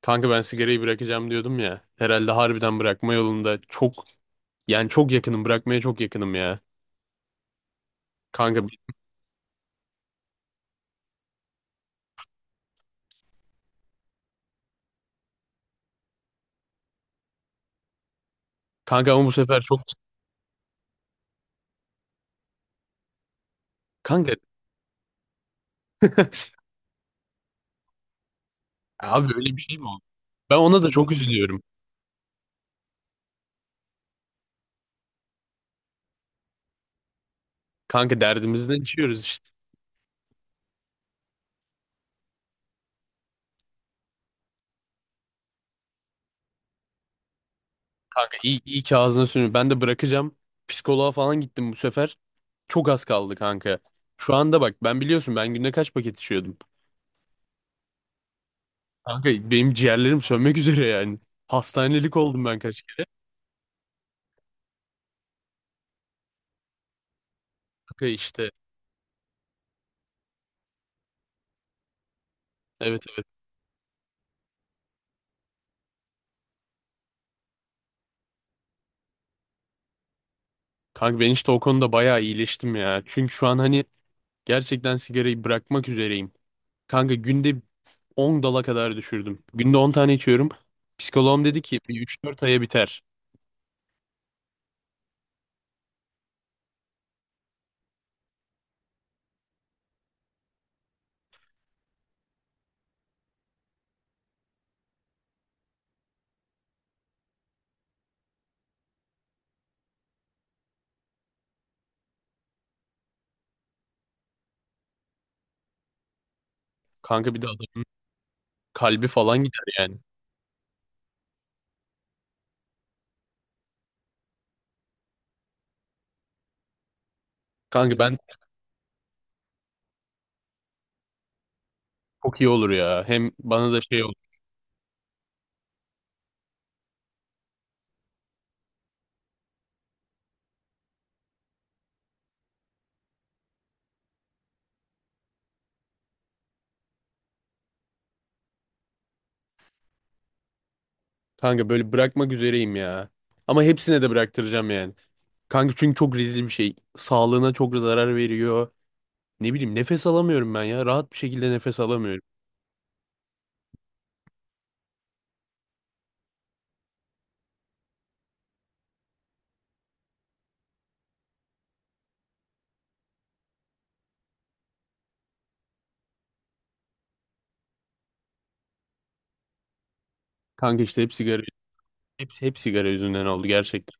Kanka ben sigarayı bırakacağım diyordum ya. Herhalde harbiden bırakma yolunda çok, yani çok yakınım, bırakmaya çok yakınım ya. Kanka kanka ama bu sefer çok kanka. Abi öyle bir şey mi oldu? Ben ona da çok üzülüyorum. Kanka derdimizden içiyoruz işte. Kanka iyi, iyi ki ağzına sürüyor. Ben de bırakacağım. Psikoloğa falan gittim bu sefer. Çok az kaldı kanka. Şu anda bak, ben biliyorsun ben günde kaç paket içiyordum. Kanka benim ciğerlerim sönmek üzere yani. Hastanelik oldum ben kaç kere. Kanka işte, evet evet. Kanka ben işte o konuda bayağı iyileştim ya. Çünkü şu an hani gerçekten sigarayı bırakmak üzereyim. Kanka günde 10 dala kadar düşürdüm. Günde 10 tane içiyorum. Psikoloğum dedi ki bir 3-4 aya biter. Kanka bir de adamın kalbi falan gider yani. Kanka ben Çok iyi olur ya. Hem bana da şey olur. Kanka böyle bırakmak üzereyim ya. Ama hepsine de bıraktıracağım yani. Kanka çünkü çok riskli bir şey. Sağlığına çok zarar veriyor. Ne bileyim, nefes alamıyorum ben ya. Rahat bir şekilde nefes alamıyorum. Kanka işte hep sigara, hepsi hep sigara yüzünden oldu gerçekten.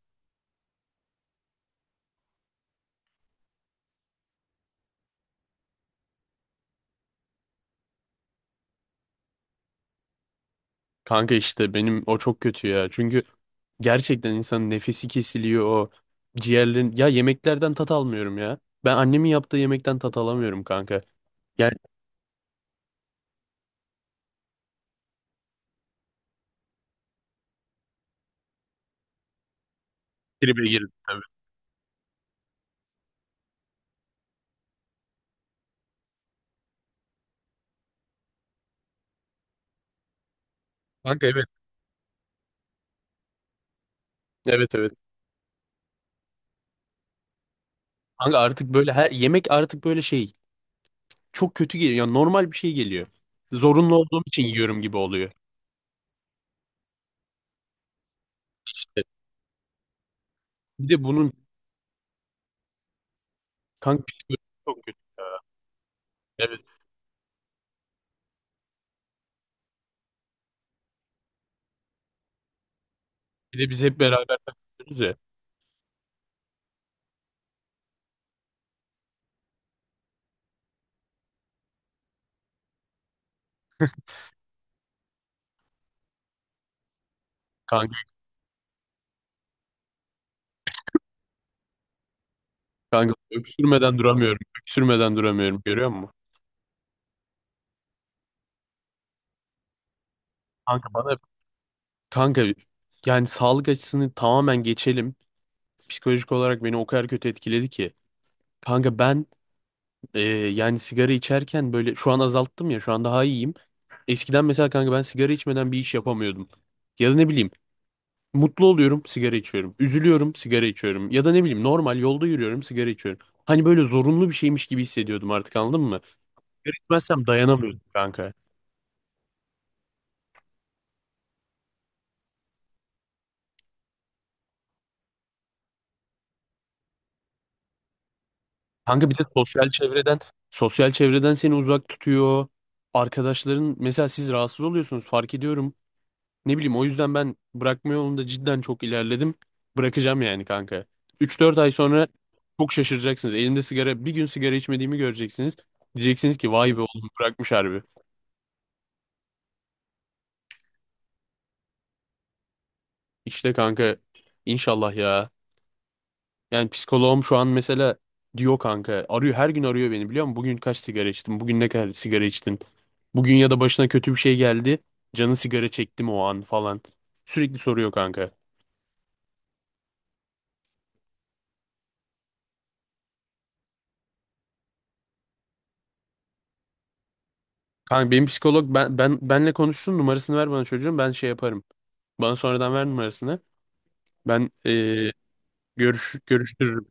Kanka işte benim o çok kötü ya. Çünkü gerçekten insanın nefesi kesiliyor, o ciğerlerin. Ya yemeklerden tat almıyorum ya. Ben annemin yaptığı yemekten tat alamıyorum kanka. Yani tribe girdim tabii. Kanka evet. Evet, evet. Kanka artık böyle her yemek artık böyle şey, çok kötü geliyor. Yani normal bir şey geliyor. Zorunlu olduğum için yiyorum gibi oluyor. İşte bir de bunun kanka psikolojisi çok kötü ya. Evet. Bir de biz hep beraber diyoruz ya. Kanka, kanka, öksürmeden duramıyorum. Öksürmeden duramıyorum. Görüyor musun? Kanka bana kanka, yani sağlık açısını tamamen geçelim. Psikolojik olarak beni o kadar kötü etkiledi ki. Kanka ben, e, yani sigara içerken böyle, şu an azalttım ya, şu an daha iyiyim. Eskiden mesela kanka ben sigara içmeden bir iş yapamıyordum. Ya da ne bileyim, mutlu oluyorum, sigara içiyorum. Üzülüyorum, sigara içiyorum. Ya da ne bileyim, normal yolda yürüyorum, sigara içiyorum. Hani böyle zorunlu bir şeymiş gibi hissediyordum artık, anladın mı? Sigara içmezsem dayanamıyordum kanka. Kanka bir de sosyal çevreden, sosyal çevreden seni uzak tutuyor. Arkadaşların mesela, siz rahatsız oluyorsunuz, fark ediyorum. Ne bileyim, o yüzden ben bırakma yolunda cidden çok ilerledim. Bırakacağım yani kanka. 3-4 ay sonra çok şaşıracaksınız. Elimde sigara, bir gün sigara içmediğimi göreceksiniz. Diyeceksiniz ki vay be oğlum, bırakmış harbi. İşte kanka, inşallah ya. Yani psikoloğum şu an mesela diyor, kanka arıyor, her gün arıyor beni, biliyor musun? Bugün kaç sigara içtin? Bugün ne kadar sigara içtin? Bugün ya da başına kötü bir şey geldi. Canı sigara çekti mi o an falan. Sürekli soruyor kanka. Kanka benim psikolog, ben benle konuşsun, numarasını ver bana çocuğum, ben şey yaparım. Bana sonradan ver numarasını. Ben görüştürürüm.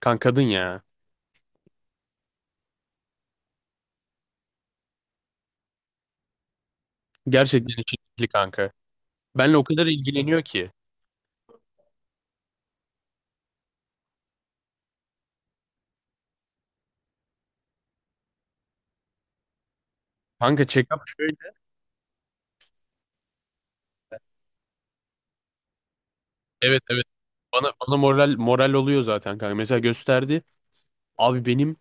Kanka kadın ya. Gerçekten içi kanka. Benle o kadar ilgileniyor ki. Kanka check-up şöyle. Evet, evet. Bana, bana moral moral oluyor zaten kanka. Mesela gösterdi. Abi benim,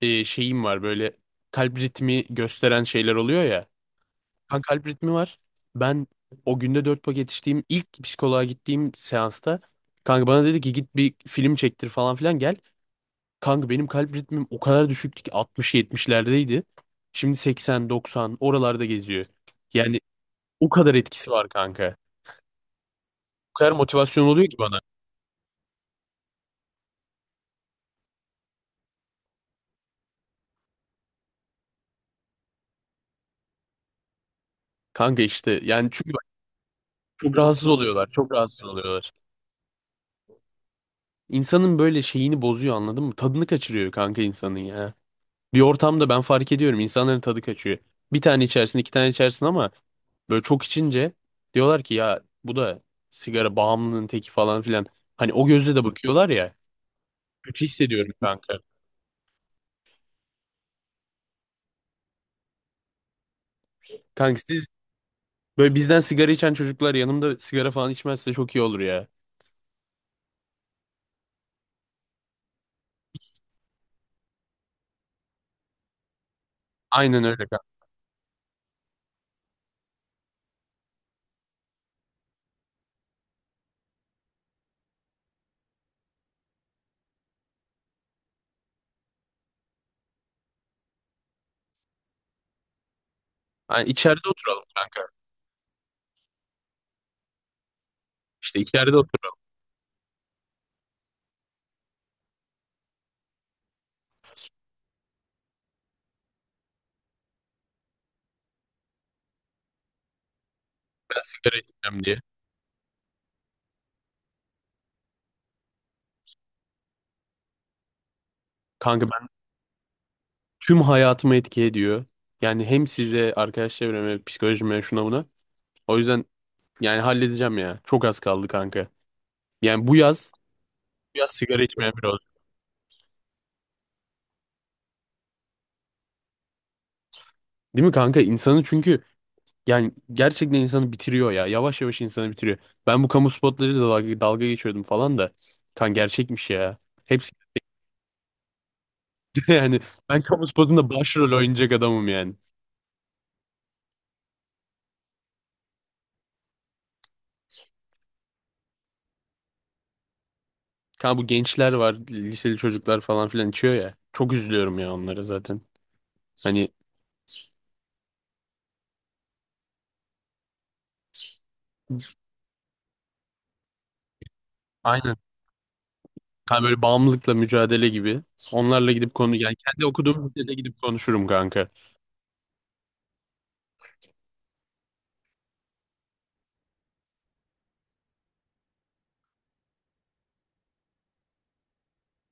şeyim var böyle, kalp ritmi gösteren şeyler oluyor ya. Kanka kalp ritmi var. Ben o günde 4 paket içtiğim ilk psikoloğa gittiğim seansta kanka bana dedi ki git bir film çektir falan filan gel. Kanka benim kalp ritmim o kadar düşüktü ki 60-70'lerdeydi. Şimdi 80-90 oralarda geziyor. Yani o kadar etkisi var kanka. O kadar motivasyon oluyor ki bana. Kanka işte, yani çünkü çok rahatsız oluyorlar. Çok rahatsız oluyorlar. İnsanın böyle şeyini bozuyor, anladın mı? Tadını kaçırıyor kanka insanın ya. Bir ortamda ben fark ediyorum, insanların tadı kaçıyor. Bir tane içersin, iki tane içersin ama böyle çok içince diyorlar ki ya bu da sigara bağımlının teki falan filan. Hani o gözle de bakıyorlar ya. Kötü hissediyorum kanka. Kanka siz, böyle bizden sigara içen çocuklar yanımda sigara falan içmezse çok iyi olur ya. Aynen öyle kanka. Yani içeride oturalım kanka. İşte içeride oturalım. Ben sigara içeceğim diye. Kanka tüm hayatımı etki ediyor. Yani hem size, arkadaş çevreme, psikolojime, şuna buna. O yüzden yani halledeceğim ya. Çok az kaldı kanka. Yani bu yaz, bu yaz sigara içmeye bir olacağım. Değil mi kanka? İnsanı çünkü, yani gerçekten insanı bitiriyor ya. Yavaş yavaş insanı bitiriyor. Ben bu kamu spotlarıyla dalga geçiyordum falan da. Kan gerçekmiş ya. Hepsi yani ben kamu spotunda başrol oynayacak adamım yani. Kanka bu gençler var, liseli çocuklar falan filan içiyor ya. Çok üzülüyorum ya onlara zaten. Hani. Aynen. Hani böyle bağımlılıkla mücadele gibi. Onlarla gidip konu, yani kendi okuduğum lisede gidip konuşurum kanka.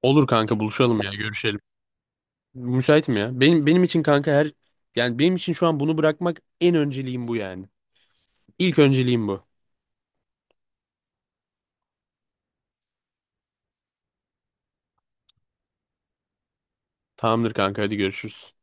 Olur kanka, buluşalım ya, görüşelim. Müsaitim ya. Benim için kanka her, yani benim için şu an bunu bırakmak en önceliğim, bu yani. İlk önceliğim bu. Tamamdır kanka, hadi görüşürüz.